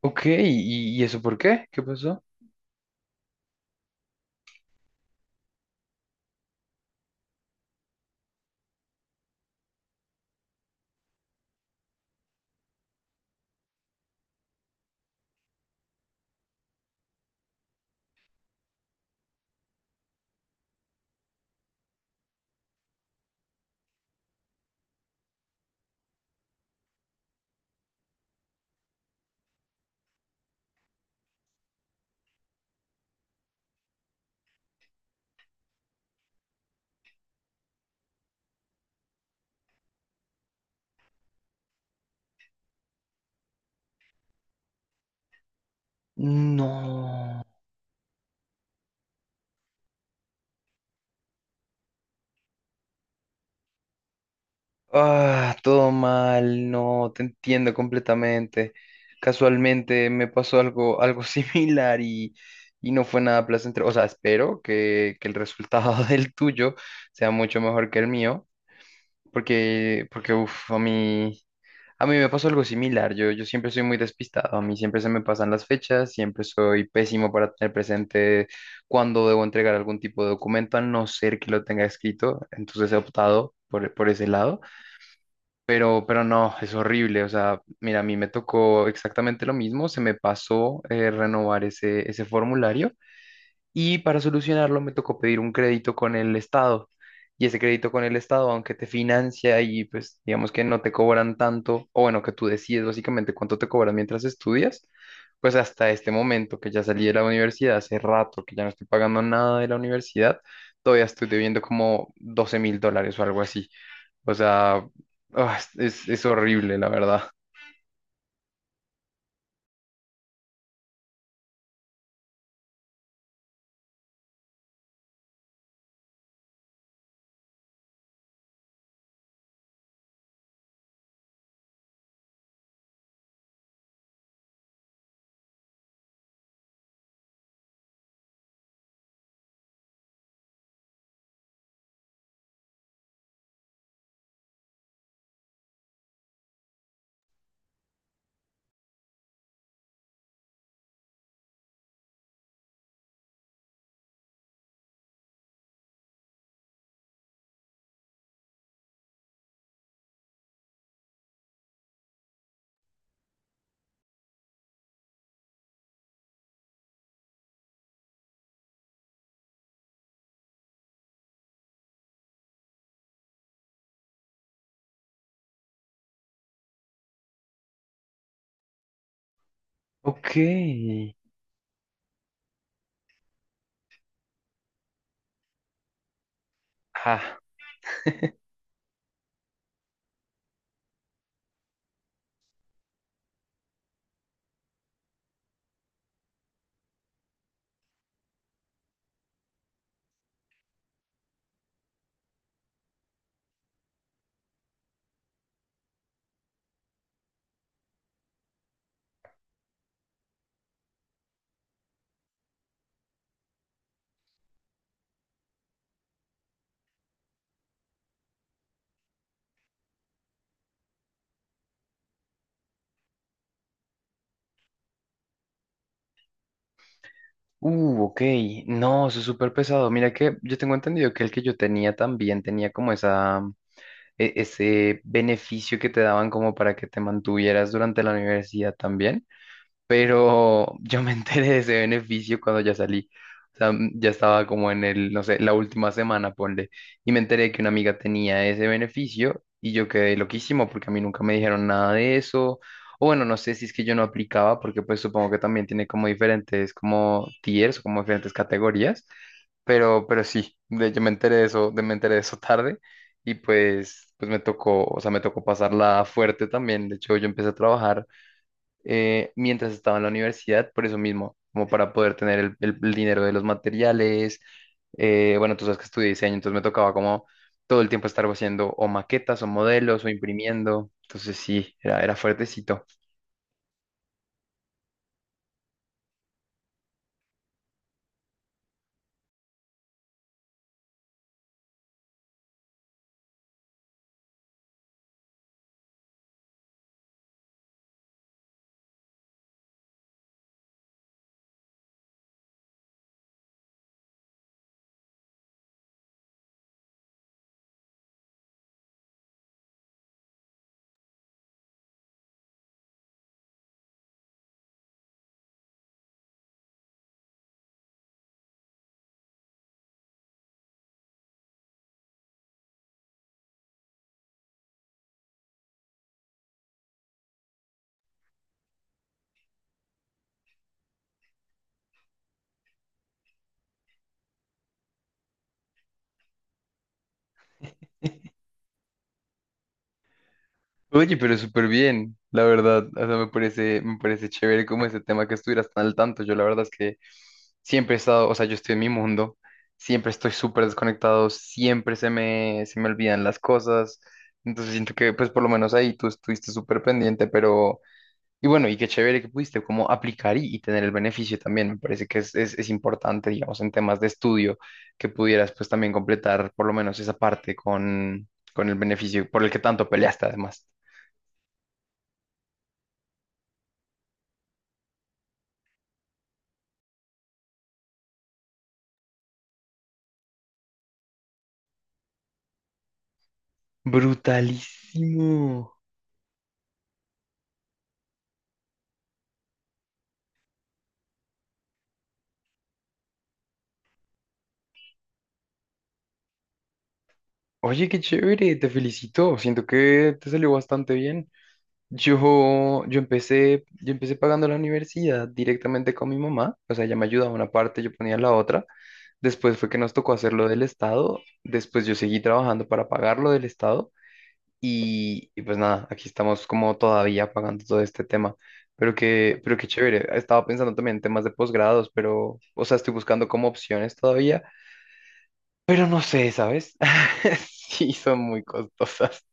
Ok, ¿y eso por qué? ¿Qué pasó? No. Ah, todo mal, no, te entiendo completamente. Casualmente me pasó algo similar y no fue nada placentero. O sea, espero que el resultado del tuyo sea mucho mejor que el mío. Porque uff, a mí me pasó algo similar. Yo siempre soy muy despistado. A mí siempre se me pasan las fechas, siempre soy pésimo para tener presente cuándo debo entregar algún tipo de documento, a no ser que lo tenga escrito. Entonces he optado por ese lado. Pero no, es horrible. O sea, mira, a mí me tocó exactamente lo mismo. Se me pasó renovar ese formulario. Y para solucionarlo me tocó pedir un crédito con el Estado. Y ese crédito con el Estado, aunque te financia y pues digamos que no te cobran tanto, o bueno, que tú decides básicamente cuánto te cobran mientras estudias, pues hasta este momento que ya salí de la universidad, hace rato que ya no estoy pagando nada de la universidad, todavía estoy debiendo como $12.000 o algo así. O sea, ah, es horrible, la verdad. Ok. Ah. Ok. No, eso es súper pesado. Mira que yo tengo entendido que el que yo tenía también tenía como ese beneficio que te daban como para que te mantuvieras durante la universidad también, pero yo me enteré de ese beneficio cuando ya salí. O sea, mm, ya estaba como en el, no sé, la última semana, ponle, y me enteré que una amiga tenía ese beneficio y yo quedé loquísimo porque a mí nunca me dijeron nada de eso. O bueno, no sé si es que yo no aplicaba porque pues supongo que también tiene como diferentes como tiers, como diferentes categorías, pero sí, yo me enteré de eso, de, me enteré de eso tarde y pues me tocó, o sea, me tocó pasarla fuerte también. De hecho, yo empecé a trabajar mientras estaba en la universidad, por eso mismo, como para poder tener el dinero de los materiales. Eh, bueno, tú sabes que estudié diseño, entonces me tocaba como todo el tiempo estar haciendo o maquetas o modelos o imprimiendo. Entonces sí, era fuertecito. Oye, pero súper bien, la verdad. O sea, me parece chévere como ese tema que estuvieras tan al tanto. Yo la verdad es que siempre he estado, o sea, yo estoy en mi mundo, siempre estoy súper desconectado, siempre se me olvidan las cosas. Entonces siento que pues por lo menos ahí tú estuviste súper pendiente, pero... Y bueno, y qué chévere que pudiste como aplicar y tener el beneficio también. Me parece que es importante, digamos, en temas de estudio, que pudieras pues también completar por lo menos esa parte con el beneficio por el que tanto peleaste además. Brutalísimo. Oye, qué chévere, te felicito. Siento que te salió bastante bien. Yo empecé pagando la universidad directamente con mi mamá. O sea, ella me ayudaba una parte, yo ponía la otra. Después fue que nos tocó hacerlo del Estado. Después yo seguí trabajando para pagarlo del Estado. Y pues nada, aquí estamos como todavía pagando todo este tema. Pero qué chévere. Estaba pensando también en temas de posgrados, pero, o sea, estoy buscando como opciones todavía. Pero no sé, ¿sabes? Sí, son muy costosas.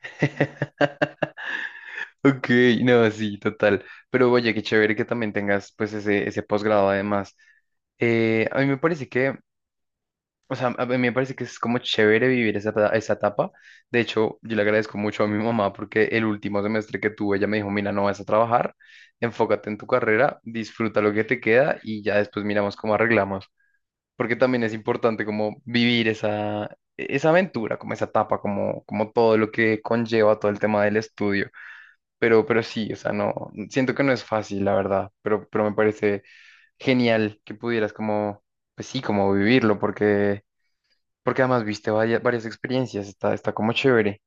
Ok, no, sí, total. Pero oye, qué chévere que también tengas pues ese posgrado además. A mí me parece que, o sea, a mí me parece que es como chévere vivir esa etapa. De hecho, yo le agradezco mucho a mi mamá porque el último semestre que tuve, ella me dijo, mira, no vas a trabajar, enfócate en tu carrera, disfruta lo que te queda y ya después miramos cómo arreglamos. Porque también es importante como vivir esa aventura, como esa etapa, como, como todo lo que conlleva todo el tema del estudio. Pero sí, o sea, no, siento que no es fácil, la verdad, pero me parece genial que pudieras como, pues sí, como vivirlo, porque, porque además viste varias experiencias, está como chévere.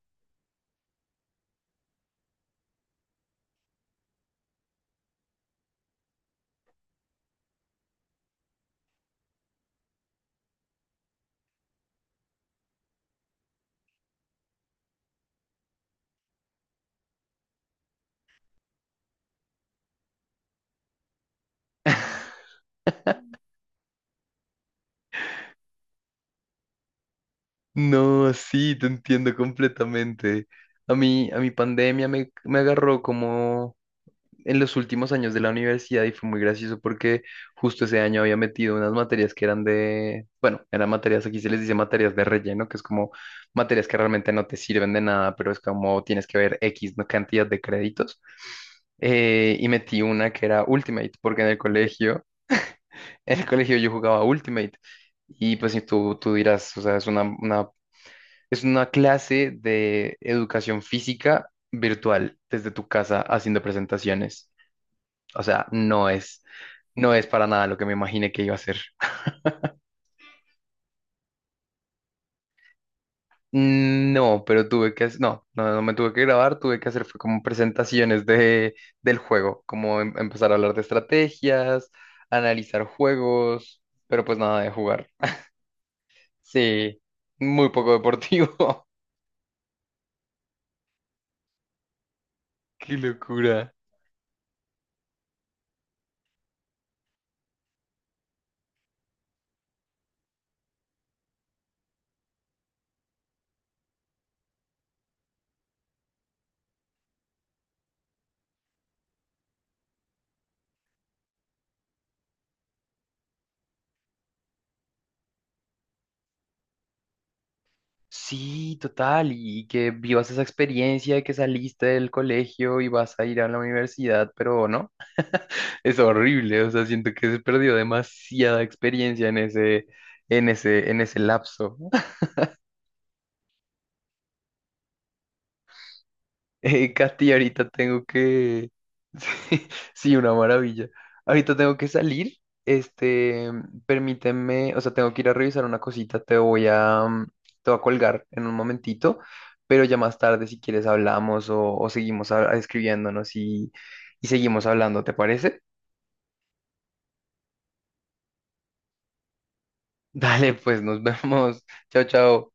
No, sí, te entiendo completamente. A mí, a mi pandemia me agarró como en los últimos años de la universidad y fue muy gracioso porque justo ese año había metido unas materias que eran de, bueno, eran materias, aquí se les dice materias de relleno, que es como materias que realmente no te sirven de nada, pero es como tienes que ver X cantidad de créditos. Y metí una que era Ultimate, porque en el colegio, en el colegio yo jugaba Ultimate. Y pues si tú dirás, o sea, es es una clase de educación física virtual desde tu casa haciendo presentaciones. O sea, no es para nada lo que me imaginé que iba a hacer. No, pero tuve que, no me tuve que grabar, tuve que hacer fue como presentaciones de, del juego, como empezar a hablar de estrategias, analizar juegos, pero pues nada de jugar. Sí, muy poco deportivo. Qué locura. Sí, total, y que vivas esa experiencia de que saliste del colegio y vas a ir a la universidad, pero no. Es horrible, o sea, siento que se perdió demasiada experiencia en en ese lapso. Katy, ahorita tengo que... Sí, sí, una maravilla. Ahorita tengo que salir. Este, permíteme, o sea, tengo que ir a revisar una cosita, te voy a, mm, te voy a colgar en un momentito, pero ya más tarde, si quieres, hablamos o seguimos escribiéndonos y seguimos hablando, ¿te parece? Dale, pues nos vemos. Chao, chao.